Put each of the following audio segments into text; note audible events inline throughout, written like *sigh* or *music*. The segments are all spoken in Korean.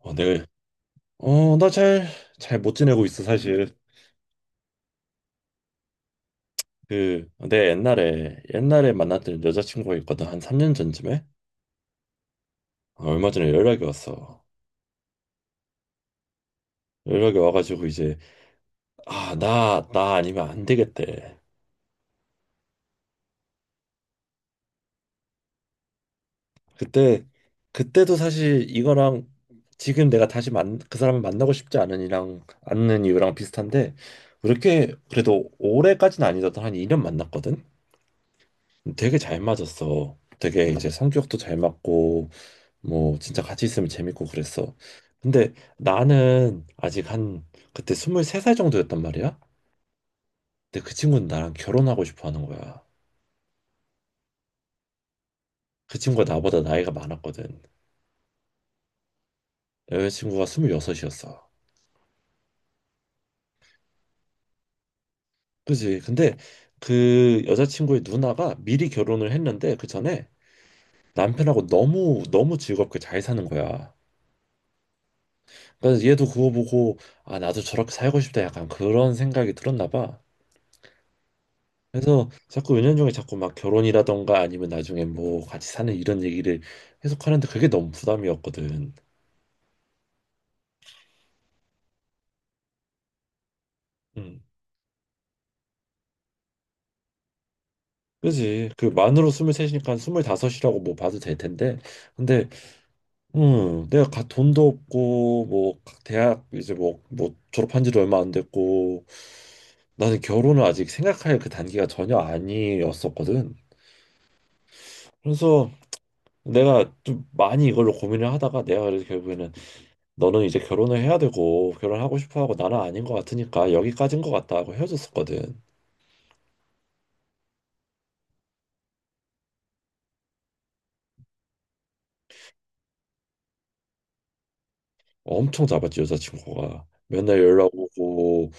어, 네. 나 잘 못 지내고 있어, 사실. 그, 내 옛날에 만났던 여자친구가 있거든. 한 3년 전쯤에? 얼마 전에 연락이 왔어. 연락이 와가지고 이제, 아, 나 아니면 안 되겠대. 그때, 그때도 사실 이거랑 지금 내가 다시 그 사람을 만나고 싶지 않은 이랑 않는 이유랑 비슷한데, 그렇게 그래도 올해까지는 아니더라도 한 2년 만났거든? 되게 잘 맞았어. 되게 이제 성격도 잘 맞고, 뭐 진짜 같이 있으면 재밌고 그랬어. 근데 나는 아직 한 그때 23살 정도였단 말이야. 근데 그 친구는 나랑 결혼하고 싶어 하는 거야. 그 친구가 나보다 나이가 많았거든. 여자친구가 26이었어. 그지? 근데 그 여자친구의 누나가 미리 결혼을 했는데 그 전에 남편하고 너무 너무 즐겁게 잘 사는 거야. 그래서 얘도 그거 보고 아 나도 저렇게 살고 싶다 약간 그런 생각이 들었나 봐. 그래서 자꾸 은연중에 자꾸 막 결혼이라던가 아니면 나중에 뭐 같이 사는 이런 얘기를 계속 하는데 그게 너무 부담이었거든. 음. 그지. 그 만으로 23이니까 25라고 뭐 봐도 될 텐데. 근데 내가 돈도 없고 뭐 각 대학 이제 뭐 졸업한 지도 얼마 안 됐고 나는 결혼을 아직 생각할 그 단계가 전혀 아니었었거든. 그래서 내가 좀 많이 이걸로 고민을 하다가 내가 그래서 결국에는 너는 이제 결혼을 해야 되고 결혼하고 싶어 하고 나는 아닌 것 같으니까 여기까지인 것 같다 하고 헤어졌었거든. 엄청 잡았지 여자친구가. 맨날 연락 오고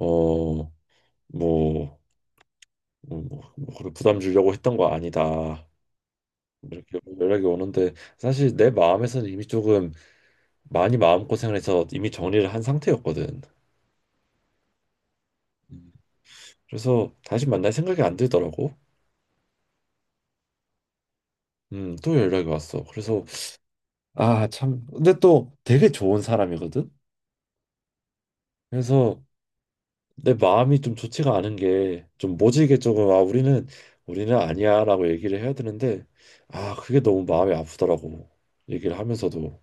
어뭐 뭐, 뭐 그런 부담 주려고 했던 거 아니다. 이렇게 연락이 오는데 사실 내 마음에서는 이미 조금 많이 마음고생을 해서 이미 정리를 한 상태였거든. 음. 그래서 다시 만날 생각이 안 들더라고. 또 연락이 왔어. 그래서 아, 참. 근데 또 되게 좋은 사람이거든. 그래서 내 마음이 좀 좋지가 않은 게 좀 모질게 조금 아 우리는 아니야라고 얘기를 해야 되는데 아 그게 너무 마음이 아프더라고 얘기를 하면서도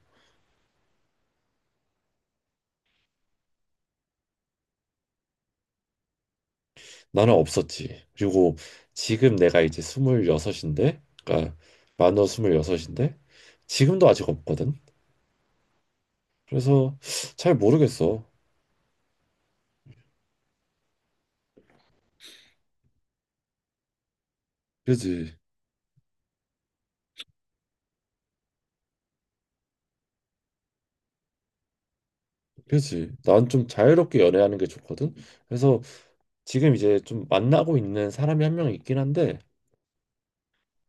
나는 없었지. 그리고 지금 내가 이제 26인데 그러니까 만으로 26인데 지금도 아직 없거든. 그래서 잘 모르겠어. 그지. 그지. 난 좀 자유롭게 연애하는 게 좋거든. 그래서 지금 이제 좀 만나고 있는 사람이 한 명 있긴 한데,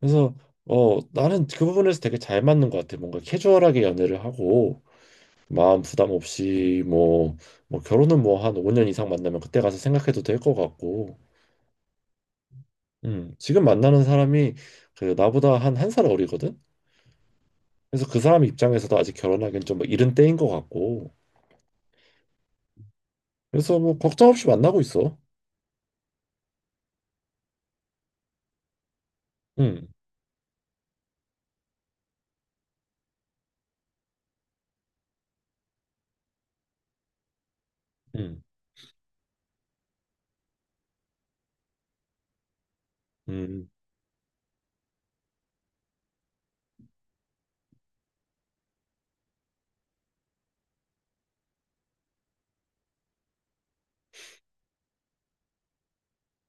그래서 나는 그 부분에서 되게 잘 맞는 것 같아. 뭔가 캐주얼하게 연애를 하고 마음 부담 없이 뭐 결혼은 뭐 한 5년 이상 만나면 그때 가서 생각해도 될 것 같고. 지금 만나는 사람이 그 나보다 한 한 살 어리거든. 그래서 그 사람 입장에서도 아직 결혼하기엔 좀 이른 때인 것 같고. 그래서 뭐 걱정 없이 만나고 있어. 음, 음, 음,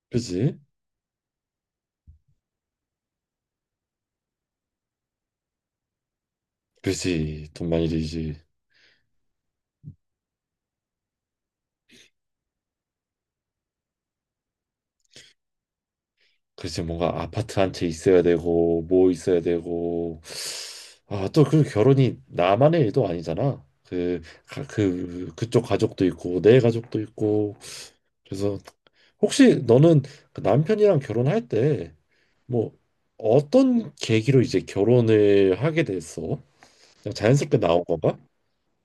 그지, 그지. 돈 많이 들지. 글쎄 뭔가 아파트 한 채 있어야 되고 뭐 있어야 되고 아 또 그 결혼이 나만의 일도 아니잖아 그쪽 가족도 있고 내 가족도 있고. 그래서 혹시 너는 그 남편이랑 결혼할 때 뭐 어떤 계기로 이제 결혼을 하게 됐어? 그냥 자연스럽게 나온 건가?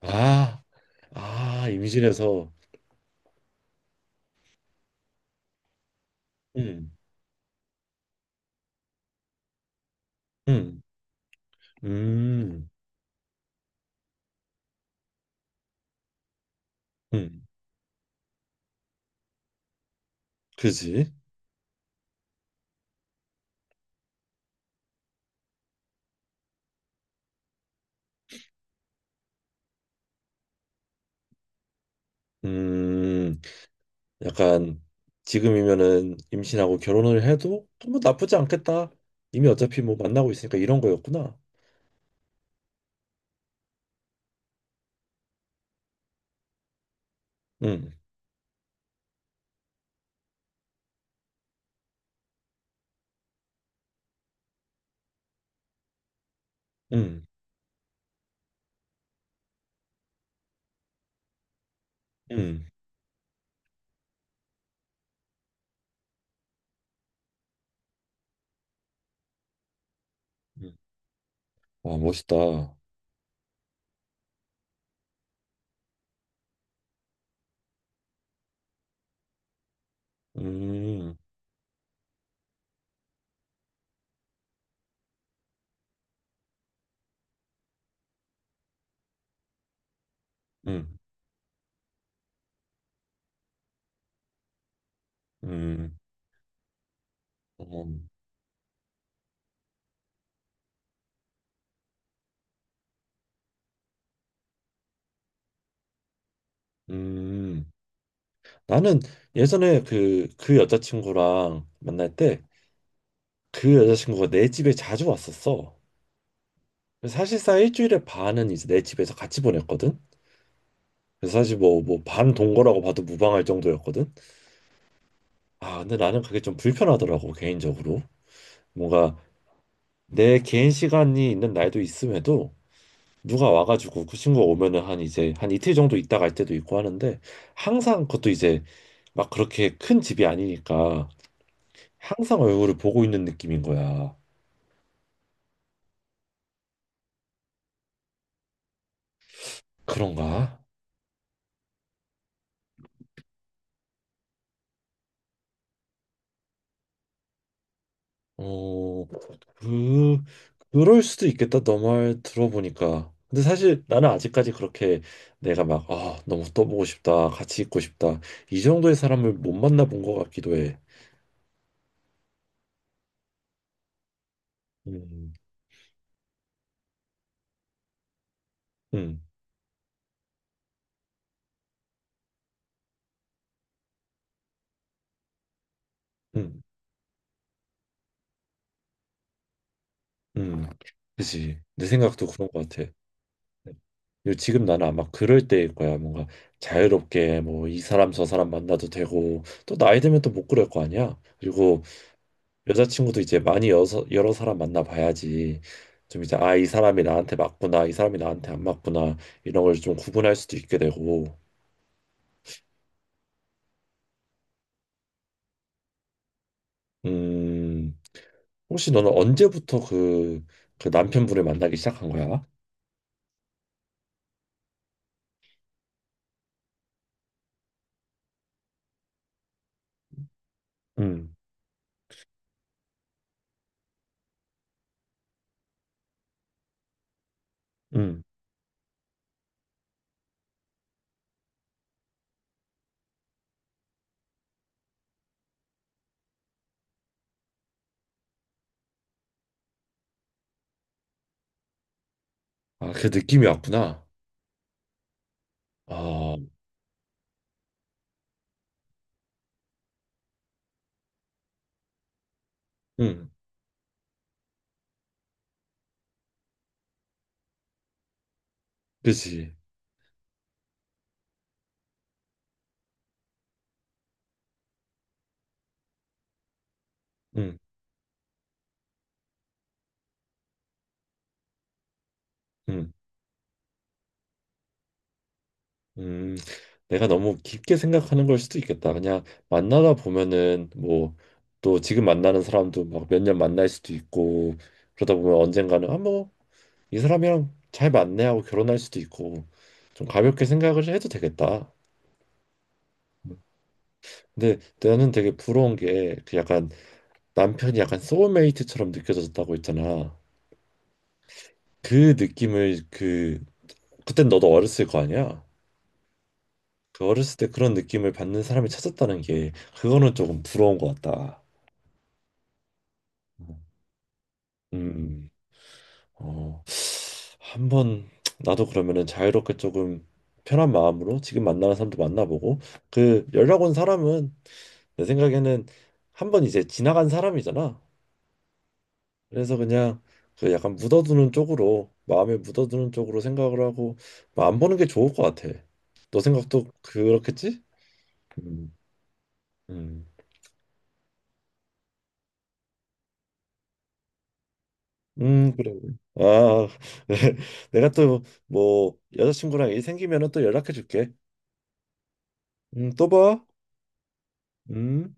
아, 아 임신해서. 음, 음, 음, 음, 그지? 음. 약간 지금이면은 임신하고 결혼을 해도 뭐 나쁘지 않겠다. 이미 어차피 뭐 만나고 있으니까 이런 거였구나. 응. 응. 응. 응. 와, 멋있다. 음, 음, 음, 어, 음. 나는 예전에 그 여자친구랑 만날 때 그 여자친구가 내 집에 자주 왔었어. 그래서 사실상 일주일에 반은 이제 내 집에서 같이 보냈거든. 그래서 사실 뭐, 반 동거라고 봐도 무방할 정도였거든. 아, 근데 나는 그게 좀 불편하더라고, 개인적으로. 뭔가 내 개인 시간이 있는 날도 있음에도 누가 와가지고 그 친구가 오면은 한 이제 한 이틀 정도 있다 갈 때도 있고 하는데 항상 그것도 이제 막 그렇게 큰 집이 아니니까 항상 얼굴을 보고 있는 느낌인 거야. 그런가? 어, 그, 그럴 수도 있겠다, 너말 들어보니까. 근데 사실 나는 아직까지 그렇게 내가 막, 아, 너무 떠보고 싶다, 같이 있고 싶다, 이 정도의 사람을 못 만나본 것 같기도 해. 음, 음, 음, 음. 그지. 내 생각도 그런 것 같아. 지금 나는 아마 그럴 때일 거야. 뭔가 자유롭게 뭐 이 사람 저 사람 만나도 되고 또 나이 들면 또 못 그럴 거 아니야. 그리고 여자친구도 이제 많이 여러 사람 만나 봐야지 좀 이제 아 이 사람이 나한테 맞구나 이 사람이 나한테 안 맞구나 이런 걸 좀 구분할 수도 있게 되고. 음 혹시 너는 언제부터 그 남편분을 만나기 시작한 거야? 음, 음. 아, 그 느낌이 왔구나. 아, 음, 그치. 음, 음. 음, 내가 너무 깊게 생각하는 걸 수도 있겠다. 그냥 만나다 보면은 뭐 또 지금 만나는 사람도 막 몇 년 만날 수도 있고 그러다 보면 언젠가는 아 뭐 이 사람이랑 잘 맞네 하고 결혼할 수도 있고 좀 가볍게 생각을 해도 되겠다. 근데 나는 되게 부러운 게 그 약간 남편이 약간 소울메이트처럼 느껴졌다고 했잖아. 그 느낌을 그땐 너도 어렸을 거 아니야? 그 어렸을 때 그런 느낌을 받는 사람이 찾았다는 게 그거는 조금 부러운 것 같다. 음, 음. 어, 한번 나도 그러면은 자유롭게 조금 편한 마음으로 지금 만나는 사람도 만나보고 그 연락 온 사람은 내 생각에는 한 번 이제 지나간 사람이잖아. 그래서 그냥 그 약간 묻어두는 쪽으로 마음에 묻어두는 쪽으로 생각을 하고 뭐안 보는 게 좋을 것 같아. 너 생각도 그렇겠지? 음, 음, 그래. 아, *laughs* 내가 또 뭐 여자친구랑 일 생기면은 또 연락해 줄게. 또 봐. 음.